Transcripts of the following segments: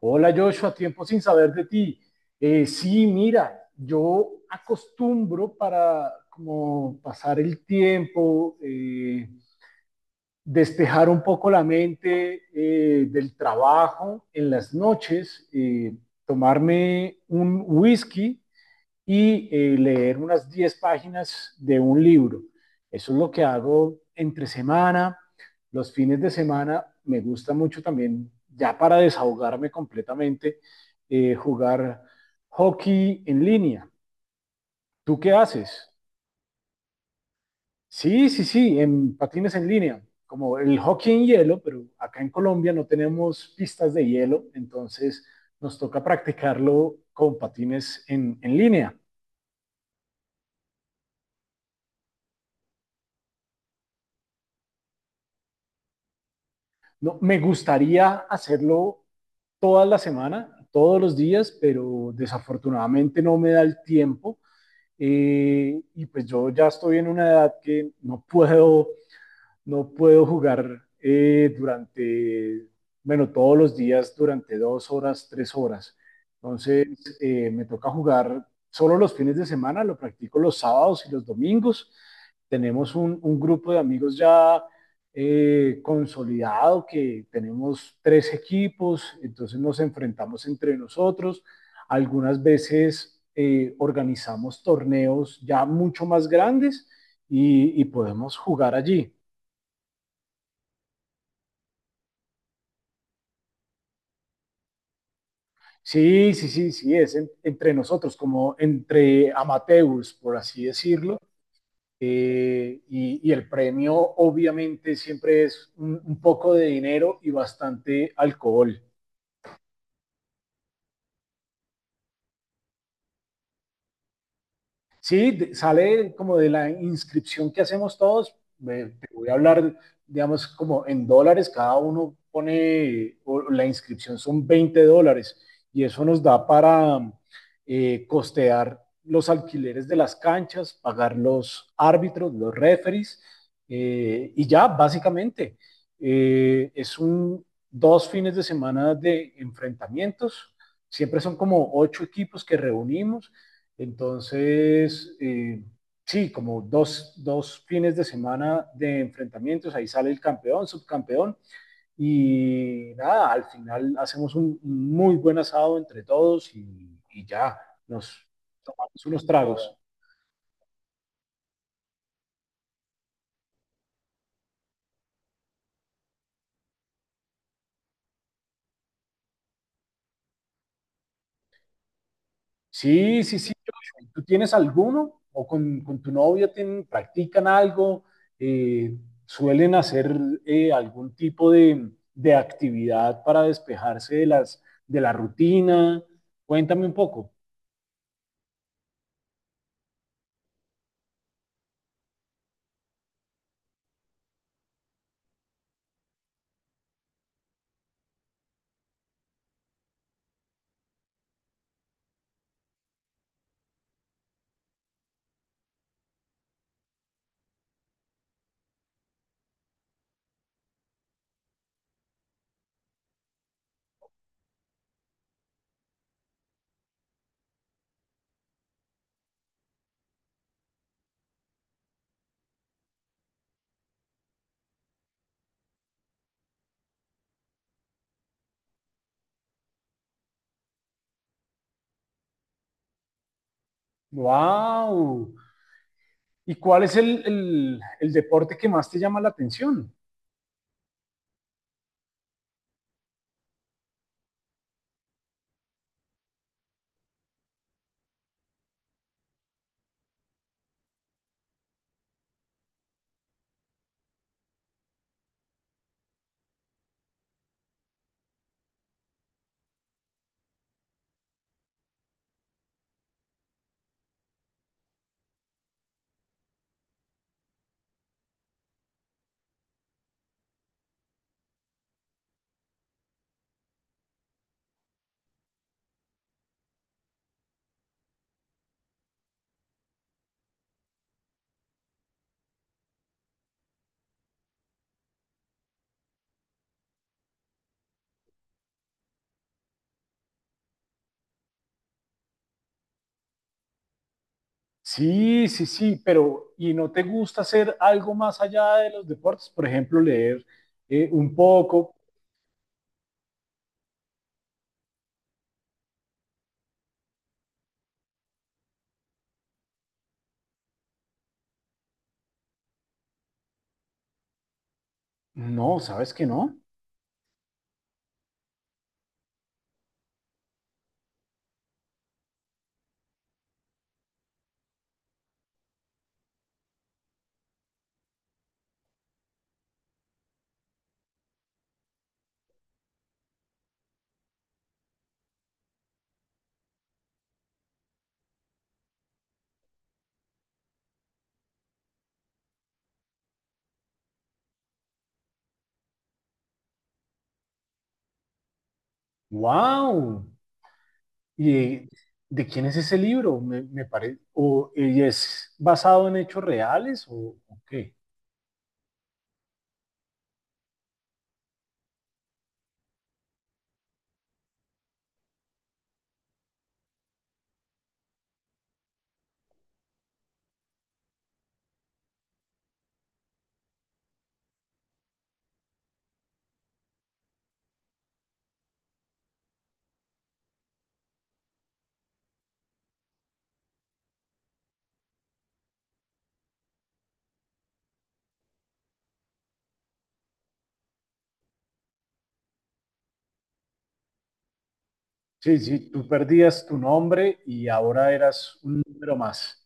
Hola Joshua, tiempo sin saber de ti. Sí, mira, yo acostumbro para como pasar el tiempo, despejar un poco la mente del trabajo en las noches, tomarme un whisky y leer unas 10 páginas de un libro. Eso es lo que hago entre semana. Los fines de semana me gusta mucho también, ya para desahogarme completamente, jugar hockey en línea. ¿Tú qué haces? Sí, sí, sí, en patines en línea, como el hockey en hielo, pero acá en Colombia no tenemos pistas de hielo, entonces nos toca practicarlo con patines en línea. No, me gustaría hacerlo toda la semana, todos los días, pero desafortunadamente no me da el tiempo. Y pues yo ya estoy en una edad que no puedo jugar durante, bueno, todos los días durante 2 horas, 3 horas. Entonces, me toca jugar solo los fines de semana, lo practico los sábados y los domingos. Tenemos un grupo de amigos ya consolidado que tenemos tres equipos, entonces nos enfrentamos entre nosotros. Algunas veces organizamos torneos ya mucho más grandes y podemos jugar allí. Sí, sí, sí, sí, es entre nosotros, como entre amateurs, por así decirlo. Y el premio obviamente siempre es un poco de dinero y bastante alcohol. Sí, sale como de la inscripción que hacemos todos. Te voy a hablar, digamos, como en dólares, cada uno pone, o la inscripción son 20 dólares y eso nos da para costear los alquileres de las canchas, pagar los árbitros, los referees y ya, básicamente. Es un 2 fines de semana de enfrentamientos. Siempre son como ocho equipos que reunimos entonces, sí, como fines de semana de enfrentamientos, ahí sale el campeón, subcampeón, y nada, al final hacemos un muy buen asado entre todos y ya, nos tomamos unos tragos. Sí, sí, sí. Joshua. ¿Tú tienes alguno? ¿O con tu novia tienen, practican algo? Eh, ¿Suelen hacer algún tipo de actividad para despejarse de de la rutina? Cuéntame un poco. ¡Wow! ¿Y cuál es el deporte que más te llama la atención? Sí, sí, sí, pero ¿y no te gusta hacer algo más allá de los deportes? Por ejemplo, leer un poco. No, ¿sabes que no? ¡Wow! ¿Y de quién es ese libro? Me parece, o y es basado en hechos reales o qué? Sí, sí, tú perdías tu nombre y ahora eras un número más.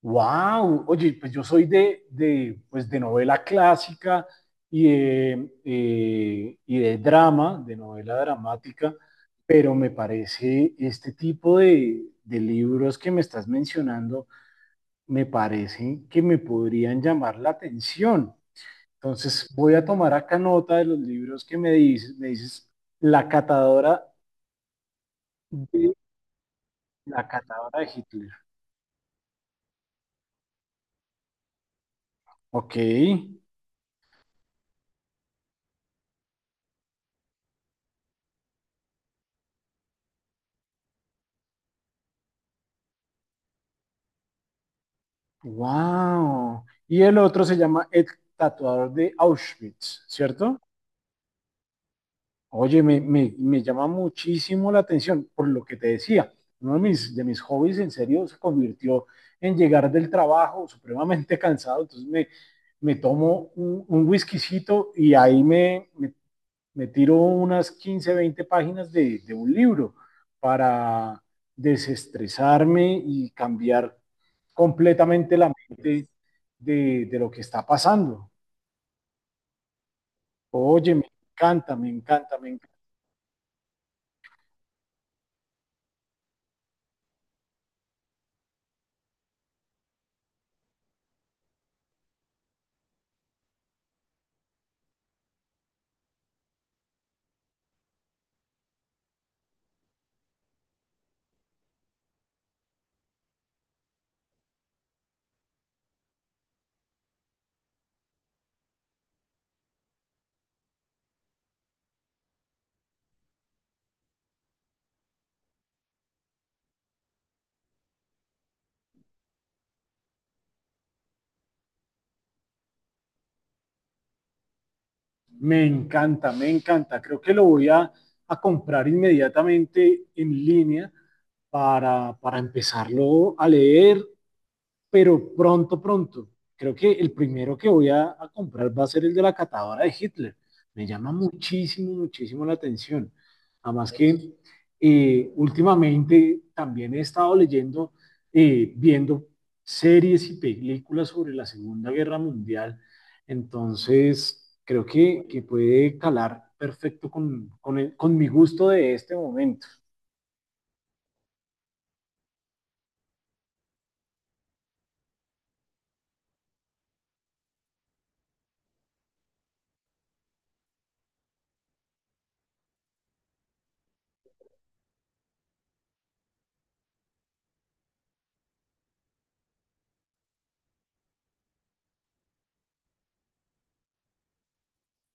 ¡Wow! Oye, pues yo soy pues de novela clásica y de drama, de novela dramática, pero me parece este tipo de libros que me estás mencionando me parece que me podrían llamar la atención. Entonces voy a tomar acá nota de los libros que me dices. Me dices La catadora de, la catadora de Hitler. Ok. Wow. Y el otro se llama El tatuador de Auschwitz, ¿cierto? Oye, me llama muchísimo la atención por lo que te decía. Uno de mis hobbies en serio se convirtió en llegar del trabajo supremamente cansado. Entonces me tomo un whiskycito y ahí me tiro unas 15 20 páginas de un libro para desestresarme y cambiar completamente la mente de lo que está pasando. Oye, me encanta, me encanta. Me encanta, me encanta. Creo que lo voy a comprar inmediatamente en línea para empezarlo a leer pero pronto, pronto. Creo que el primero que voy a comprar va a ser el de la catadora de Hitler. Me llama muchísimo, muchísimo la atención. Además que últimamente también he estado leyendo, viendo series y películas sobre la Segunda Guerra Mundial. Entonces, creo que puede calar perfecto con con mi gusto de este momento.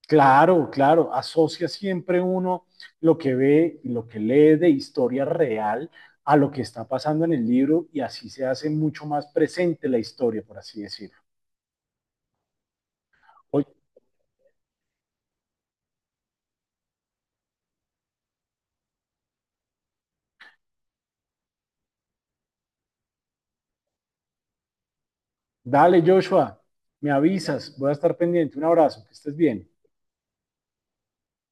Claro, claro, asocia siempre uno lo que ve y lo que lee de historia real a lo que está pasando en el libro y así se hace mucho más presente la historia, por así decirlo. Oye, dale, Joshua, me avisas, voy a estar pendiente. Un abrazo, que estés bien.